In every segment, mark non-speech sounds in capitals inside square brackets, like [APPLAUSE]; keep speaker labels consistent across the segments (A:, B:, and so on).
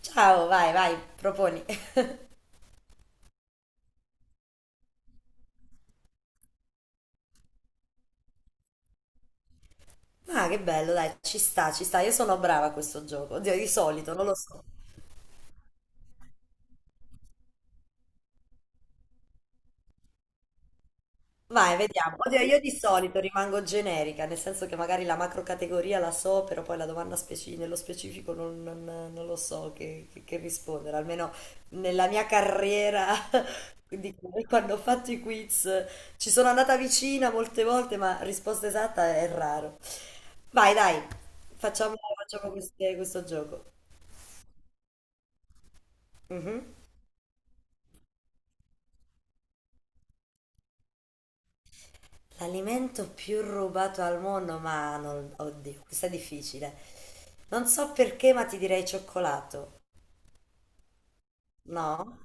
A: Ciao, vai, vai, proponi. [LAUGHS] Ma che bello, dai, ci sta, ci sta. Io sono brava a questo gioco. Oddio, di solito, non lo so. Vai, vediamo. Oddio, io di solito rimango generica, nel senso che magari la macro categoria la so, però poi la domanda nello specifico non lo so che rispondere. Almeno nella mia carriera, [LAUGHS] di quando ho fatto i quiz, ci sono andata vicina molte volte, ma risposta esatta è raro. Vai, dai, facciamo questo gioco. Mhm. L'alimento più rubato al mondo, ma non, oddio, questa è difficile. Non so perché, ma ti direi cioccolato. No?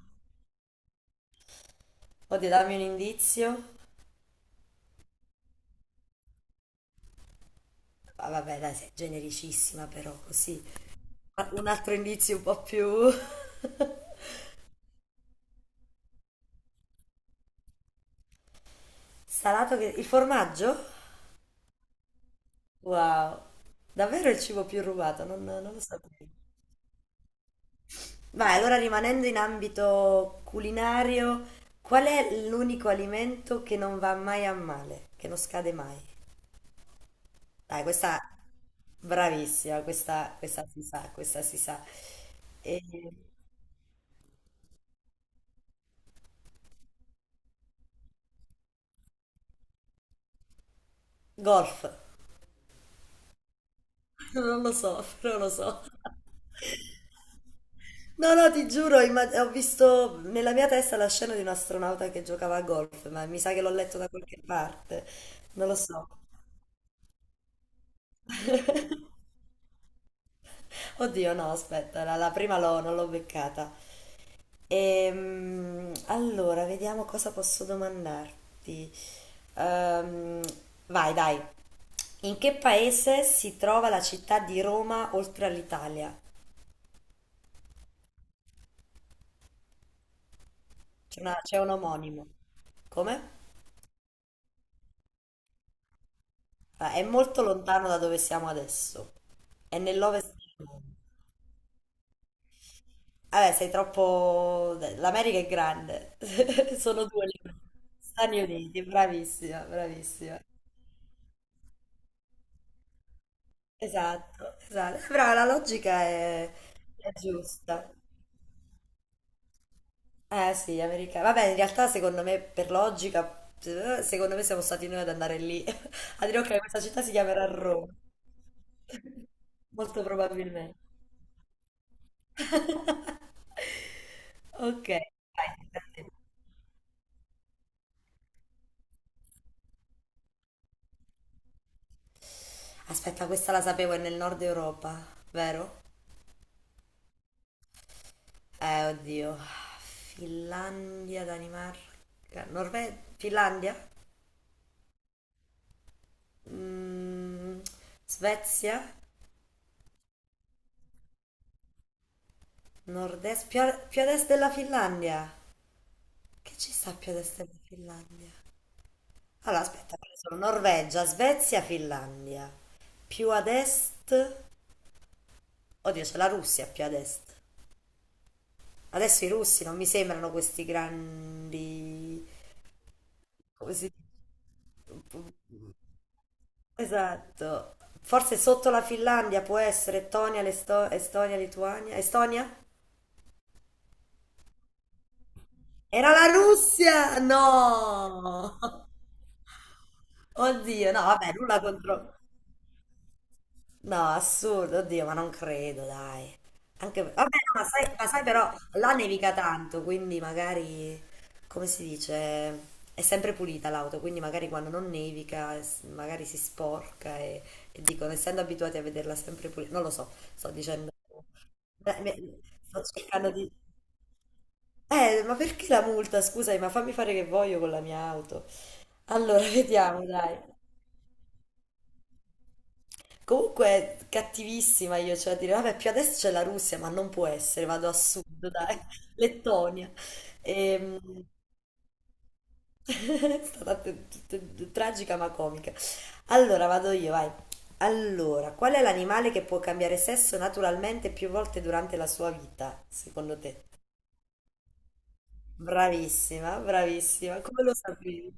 A: Oddio, dammi un indizio. Ah, vabbè, dai, sei genericissima però, così. Ma un altro indizio un po' più... [LAUGHS] Salato che... Il formaggio? Wow. Davvero il cibo più rubato, non lo sapevo. Vai, allora rimanendo in ambito culinario, qual è l'unico alimento che non va mai a male, che non scade mai? Dai, questa bravissima, questa si sa, questa si sa. E- Golf, [LAUGHS] non lo so. No, no, ti giuro, imma- ho visto nella mia testa la scena di un astronauta che giocava a golf, ma mi sa che l'ho letto da qualche parte, non lo so. [LAUGHS] Oddio, no, aspetta, la prima non l'ho beccata. Allora, vediamo cosa posso domandarti. Ehm, vai, dai. In che paese si trova la città di Roma oltre all'Italia? C'è un omonimo. Come? Ah, è molto lontano da dove siamo adesso. È nell'ovest del mondo. Vabbè, sei troppo... L'America è grande. [LAUGHS] Sono due le Stati Uniti, bravissima, bravissima. Esatto, esatto. Però la logica è giusta. Eh sì, americani. Vabbè, in realtà secondo me per logica, secondo me siamo stati noi ad andare lì [LAUGHS] a dire ok, questa città si chiamerà Roma. [LAUGHS] Molto probabilmente. [LAUGHS] Ok, vai, tocca a te. Aspetta, questa la sapevo, è nel nord Europa, vero? Oddio. Finlandia, Danimarca, Norvegia, Finlandia? Mm, Svezia, nord-est, più ad est della Finlandia. Che ci sta più ad est della Finlandia? Allora, aspetta, ho preso Norvegia, Svezia, Finlandia. Più ad est... Oddio, c'è la Russia più ad est. Adesso i russi non mi sembrano questi grandi... Come si dice? Esatto. Forse sotto la Finlandia può essere Estonia, Estonia, Lituania. Estonia? Era la Russia! No! Oddio, no, vabbè, nulla contro... No, assurdo, oddio, ma non credo, dai. Anche... Vabbè, no, ma sai però, là nevica tanto, quindi magari, come si dice, è sempre pulita l'auto, quindi magari quando non nevica, s- magari si sporca e dicono, essendo abituati a vederla sempre pulita, non lo so, sto dicendo... Beh, me- sto cercando di... ma perché la multa? Scusami, ma fammi fare che voglio con la mia auto. Allora, [LAUGHS] vediamo, dai. Comunque, cattivissima io, cioè a dire, vabbè, più adesso c'è la Russia, ma non può essere, vado a sud, dai, [LAUGHS] Lettonia. Ehm, [LAUGHS] è stata tragica ma comica. Allora, vado io, vai. Allora, qual è l'animale che può cambiare sesso naturalmente più volte durante la sua vita, secondo te? Bravissima, bravissima, come lo sapevi?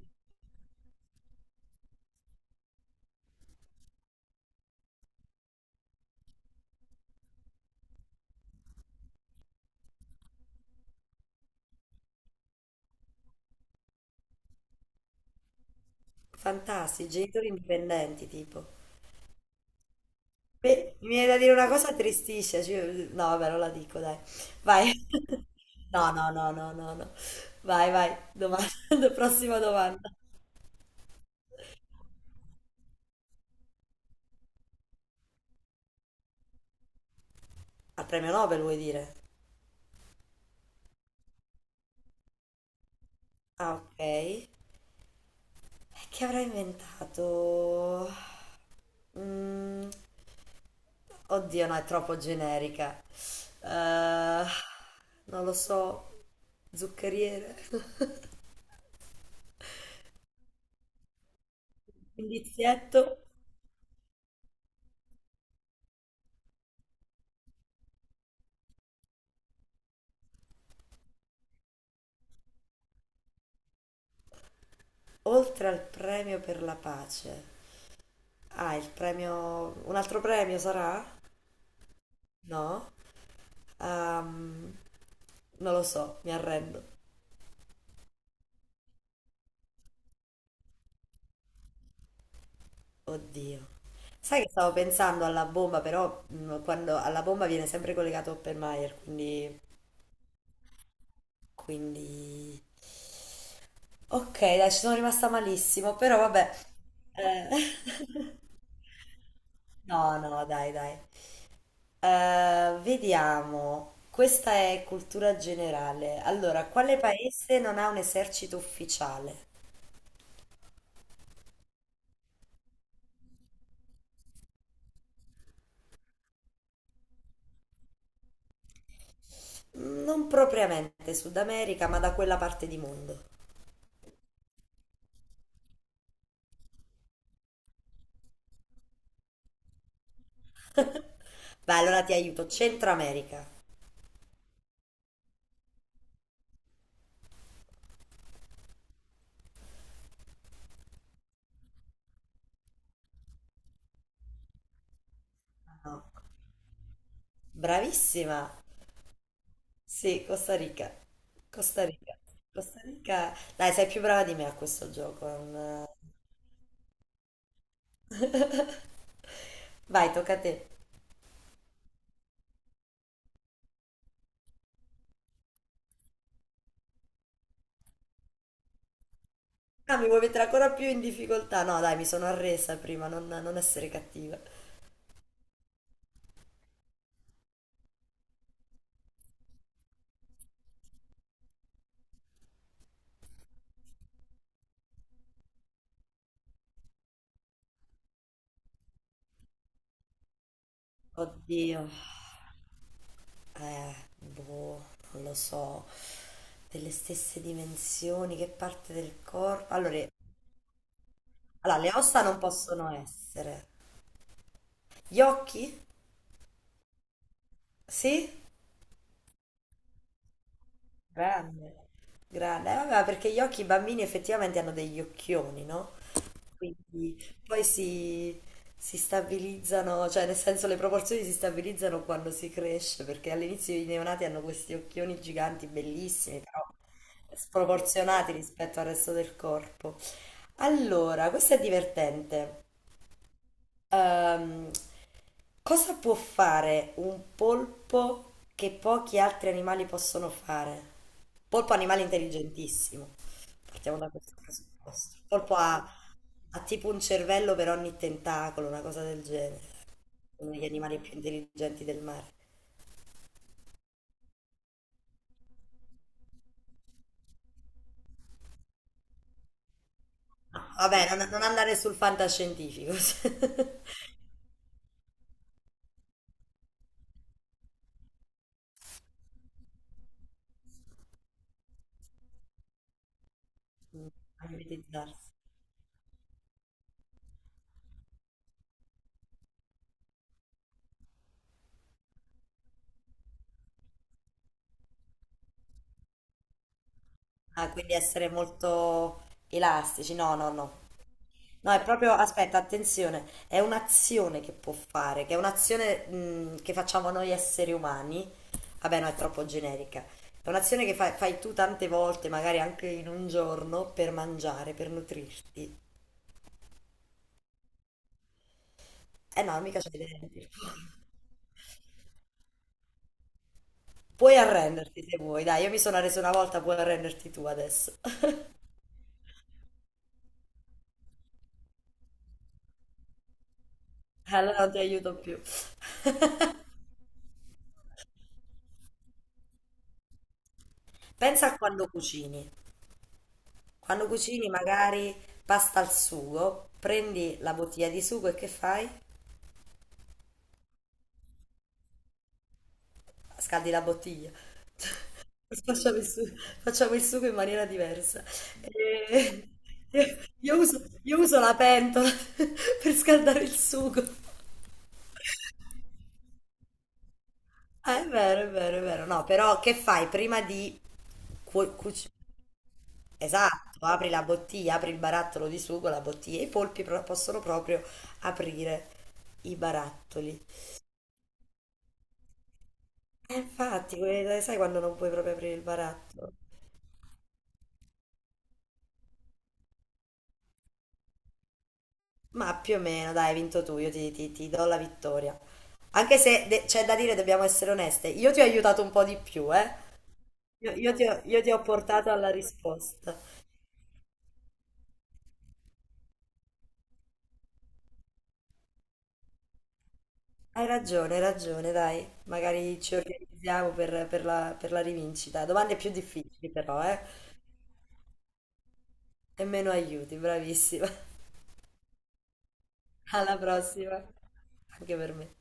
A: Fantastici, genitori indipendenti, tipo. Beh, mi viene da dire una cosa tristisce, cioè- no, vabbè, non la dico, dai. Vai. [LAUGHS] No, no, no, no, no, no. Vai, vai, domanda, [LAUGHS] prossima domanda. Al premio Nobel vuoi dire? Ah, ok. E che avrà inventato? Mm, oddio, no, è troppo generica. Eh, non lo so, zuccheriere. [LAUGHS] Indizietto. Oltre al premio per la pace. Ah, il premio... Un altro premio sarà? No? Ehm, non lo so, mi arrendo. Oddio. Sai che stavo pensando alla bomba, però quando alla bomba viene sempre collegato Oppenheimer, quindi... quindi... Ok, dai, ci sono rimasta malissimo, però vabbè. Eh, [LAUGHS] no, no, dai, dai. Vediamo, questa è cultura generale. Allora, quale paese non ha un esercito ufficiale? Mm, non propriamente Sud America, ma da quella parte di mondo. [LAUGHS] Beh, allora ti aiuto. Centro America. No. Bravissima. Sì, Costa Rica. Costa Rica. Costa Rica. Dai, sei più brava di me a questo gioco. Non- [LAUGHS] Vai, tocca a te. Ah, mi vuoi mettere ancora più in difficoltà? No, dai, mi sono arresa prima, non essere cattiva. Oddio, boh, non lo so, delle stesse dimensioni, che parte del corpo? Allora, allora, le ossa non possono essere. Gli occhi? Sì? Grande, grande. Vabbè, perché gli occhi i bambini effettivamente hanno degli occhioni, no? Quindi poi si stabilizzano, cioè nel senso le proporzioni si stabilizzano quando si cresce, perché all'inizio i neonati hanno questi occhioni giganti, bellissimi, però sproporzionati rispetto al resto del corpo. Allora, questo è divertente. Ehm, cosa può fare un polpo che pochi altri animali possono fare? Polpo è un animale intelligentissimo. Partiamo da questo presupposto. Polpo ha tipo un cervello per ogni tentacolo, una cosa del genere. Uno degli animali più intelligenti del mare. Ah, vabbè, non andare sul fantascientifico. [LAUGHS] A mimetizzarsi. Ah, quindi essere molto elastici. No, no, no. No, è proprio, aspetta, attenzione, è un'azione che può fare, che è un'azione che facciamo noi esseri umani. Vabbè, no, è troppo generica. È un'azione che fai, tu tante volte, magari anche in un giorno, per mangiare, per nutrirti. Eh no, mica c'è dentro. Puoi arrenderti se vuoi, dai, io mi sono arreso una volta, puoi arrenderti tu adesso. [LAUGHS] Allora non ti aiuto più. [LAUGHS] Pensa a quando cucini. Quando cucini magari pasta al sugo, prendi la bottiglia di sugo e che fai? Scaldi la bottiglia. [LAUGHS] Facciamo il su- facciamo il sugo, in maniera diversa. E- [LAUGHS] io uso la pentola [LAUGHS] per scaldare il sugo. Ah, è vero, è vero, è vero. No, però che fai prima di cuci- Esatto, apri la bottiglia, apri il barattolo di sugo, la bottiglia. I polpi pro- possono proprio aprire i barattoli. E infatti, que- sai quando non puoi proprio aprire il baratto? Ma più o meno, dai, hai vinto tu, io ti, ti do la vittoria. Anche se de- c'è da dire, dobbiamo essere oneste, io ti ho aiutato un po' di più, eh? Io ti ho portato alla risposta. Hai ragione, dai. Magari ci organizziamo per, per la rivincita. Domande più difficili però, eh? E meno aiuti, bravissima. [LAUGHS] Alla prossima, anche per me.